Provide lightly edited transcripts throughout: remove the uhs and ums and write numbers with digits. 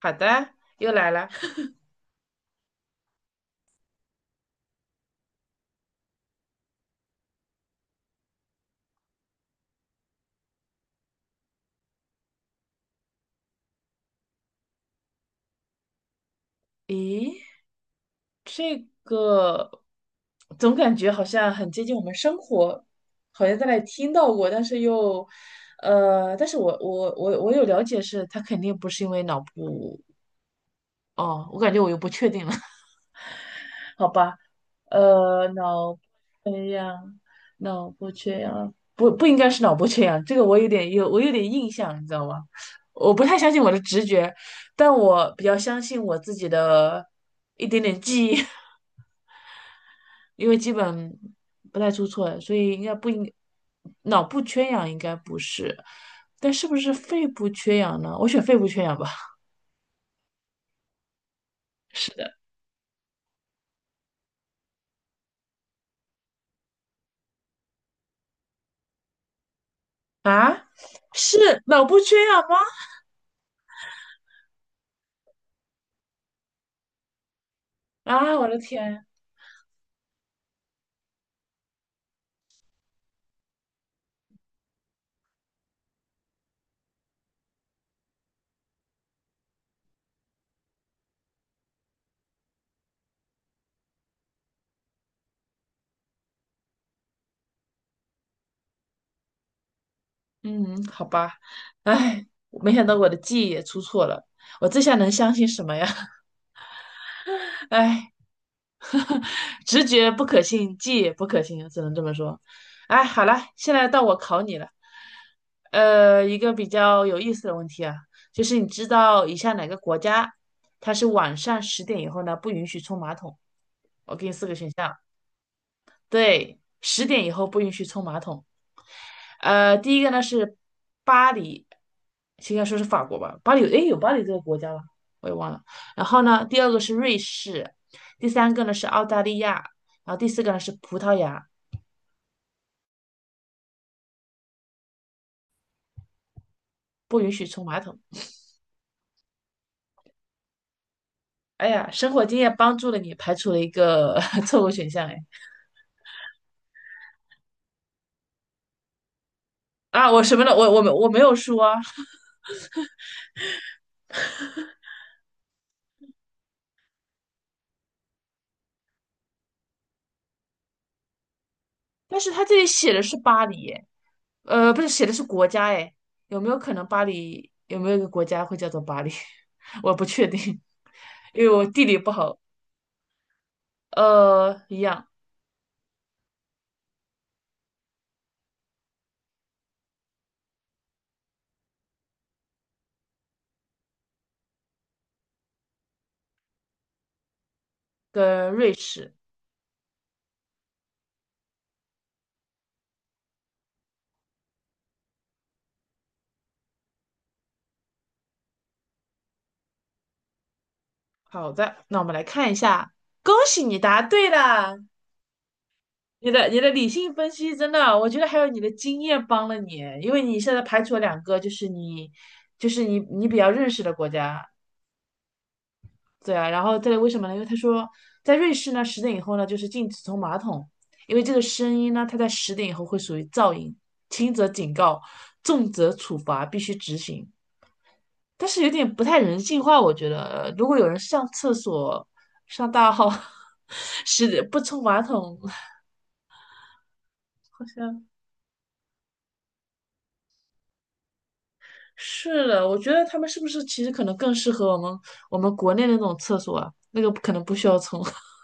好的，又来了。咦，这个总感觉好像很接近我们生活，好像在哪里听到过，但是又，但是我有了解是，他肯定不是因为脑部。哦，我感觉我又不确定了。好吧。脑缺氧，脑部缺氧，不应该是脑部缺氧，这个我有点印象，你知道吗？我不太相信我的直觉，但我比较相信我自己的一点点记忆。因为基本不太出错，所以应该不应脑部缺氧应该不是，但是不是肺部缺氧呢？我选肺部缺氧吧。是的。啊，是脑部缺氧吗？啊，我的天！嗯，好吧。哎，没想到我的记忆也出错了，我这下能相信什么呀？哎，直觉不可信，记忆也不可信，只能这么说。哎，好了，现在到我考你了。一个比较有意思的问题啊，就是你知道以下哪个国家它是晚上10点以后呢不允许冲马桶？我给你四个选项。对，十点以后不允许冲马桶。第一个呢是巴黎，应该说是法国吧？巴黎有，诶，有巴黎这个国家吗？我也忘了。然后呢，第二个是瑞士，第三个呢是澳大利亚，然后第四个呢是葡萄牙。不允许冲马桶。哎呀，生活经验帮助了你，排除了一个 错误选项。哎，啊，我什么了？我我没我没有说啊。但是他这里写的是巴黎，哎，不是写的是国家，哎，有没有可能巴黎有没有一个国家会叫做巴黎？我不确定，因为我地理不好。一样。跟瑞士。好的，那我们来看一下，恭喜你答对了。你的理性分析真的，我觉得还有你的经验帮了你，因为你现在排除了两个，就是你比较认识的国家。对啊。然后这里为什么呢？因为他说在瑞士呢，十点以后呢就是禁止冲马桶，因为这个声音呢，它在十点以后会属于噪音，轻则警告，重则处罚，必须执行。但是有点不太人性化，我觉得，如果有人上厕所上大号，是不冲马桶，好像是的。我觉得他们是不是其实可能更适合我们国内的那种厕所啊？那个可能不需要冲。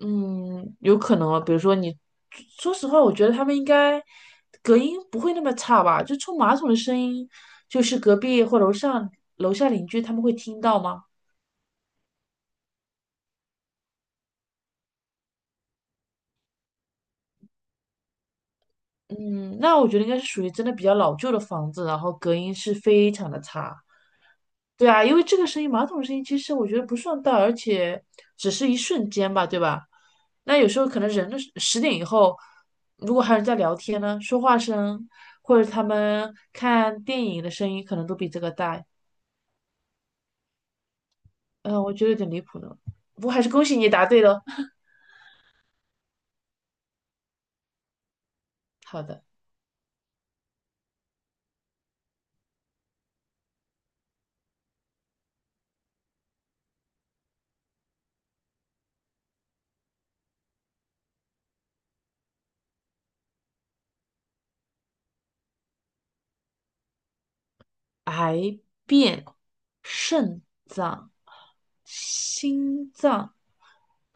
嗯，有可能啊。比如说你，说实话，我觉得他们应该隔音不会那么差吧？就冲马桶的声音，就是隔壁或楼上楼下邻居他们会听到吗？嗯，那我觉得应该是属于真的比较老旧的房子，然后隔音是非常的差。对啊，因为这个声音，马桶声音其实我觉得不算大，而且只是一瞬间吧，对吧？那有时候可能人的十点以后，如果还有人在聊天呢，说话声或者他们看电影的声音，可能都比这个大。嗯，我觉得有点离谱呢。不过还是恭喜你答对了。好的。癌变肾脏。心脏，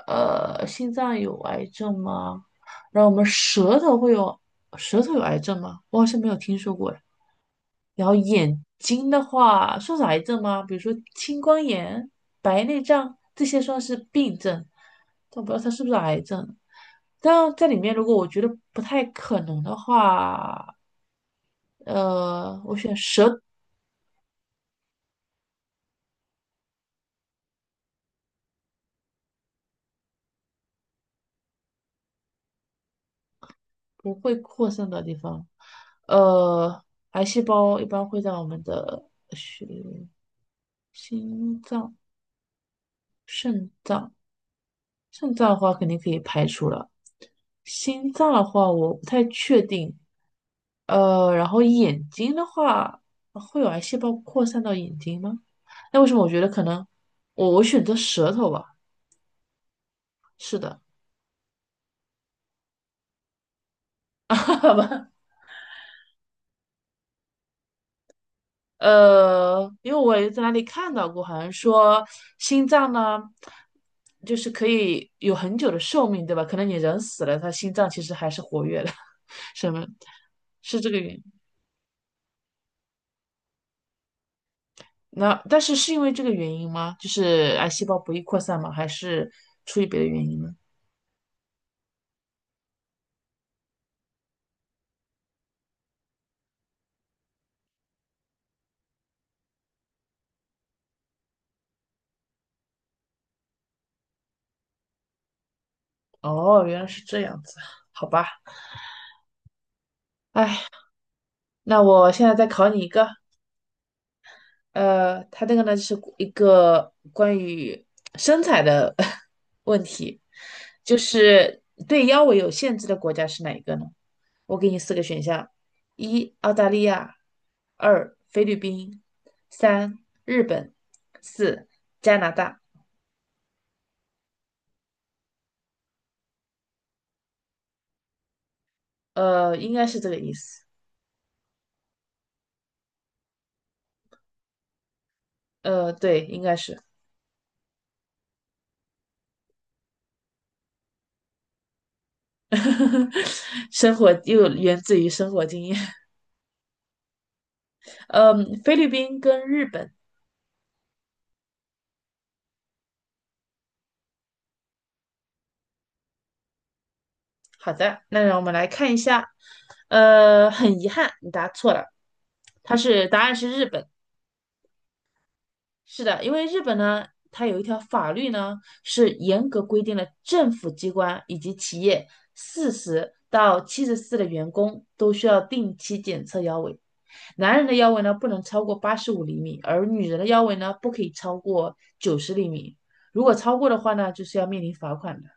心脏有癌症吗？然后我们舌头会有，舌头有癌症吗？我好像没有听说过哎。然后眼睛的话，算是癌症吗？比如说青光眼、白内障这些算是病症，但我不知道它是不是癌症。但在里面，如果我觉得不太可能的话，我选舌不会扩散的地方。呃，癌细胞一般会在我们的血、心脏、肾脏，肾脏的话肯定可以排除了，心脏的话我不太确定。然后眼睛的话会有癌细胞扩散到眼睛吗？那为什么我觉得可能我选择舌头吧？是的。好吧。因为我也在哪里看到过，好像说心脏呢，就是可以有很久的寿命，对吧？可能你人死了，它心脏其实还是活跃的。什么，是这个原因那但是是因为这个原因吗？就是癌细胞不易扩散吗？还是出于别的原因呢？哦，原来是这样子，好吧。哎，那我现在再考你一个。他这个呢是一个关于身材的 问题，就是对腰围有限制的国家是哪一个呢？我给你四个选项：一、澳大利亚；二、菲律宾；三、日本；四、加拿大。应该是这个意思。对，应该是。生活又源自于生活经验。嗯，菲律宾跟日本。好的，那让我们来看一下。很遗憾，你答错了，它是答案是日本。是的，因为日本呢，它有一条法律呢，是严格规定了政府机关以及企业40到74的员工都需要定期检测腰围。男人的腰围呢不能超过85厘米，而女人的腰围呢不可以超过90厘米。如果超过的话呢，就是要面临罚款的。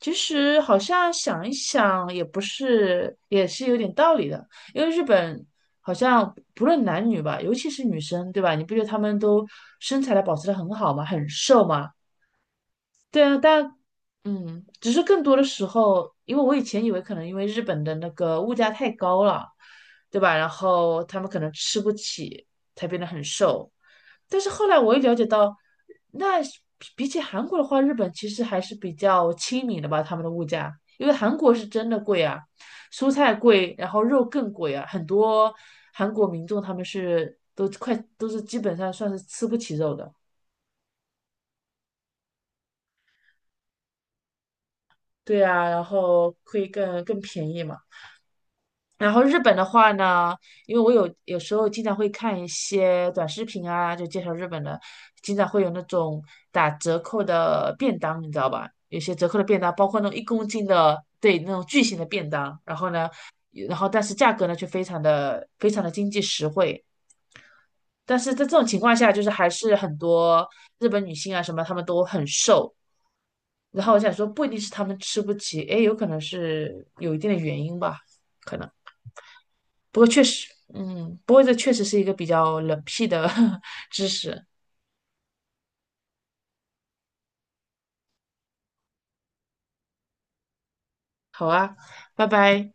其实好像想一想，也不是，也是有点道理的。因为日本好像不论男女吧，尤其是女生，对吧？你不觉得他们都身材的保持得很好吗？很瘦吗？对啊，但嗯，只是更多的时候，因为我以前以为可能因为日本的那个物价太高了，对吧？然后他们可能吃不起，才变得很瘦。但是后来我也了解到，那是比起韩国的话，日本其实还是比较亲民的吧，他们的物价，因为韩国是真的贵啊，蔬菜贵，然后肉更贵啊，很多韩国民众他们是都是基本上算是吃不起肉的。对啊，然后会更便宜嘛。然后日本的话呢，因为我有时候经常会看一些短视频啊，就介绍日本的，经常会有那种打折扣的便当，你知道吧？有些折扣的便当，包括那种1公斤的，对，那种巨型的便当。然后呢，然后但是价格呢却非常的经济实惠。但是在这种情况下，就是还是很多日本女性啊什么，她们都很瘦。然后我想说，不一定是她们吃不起，诶，有可能是有一定的原因吧，可能。不过确实，嗯，不过这确实是一个比较冷僻的 知识。好啊，拜拜。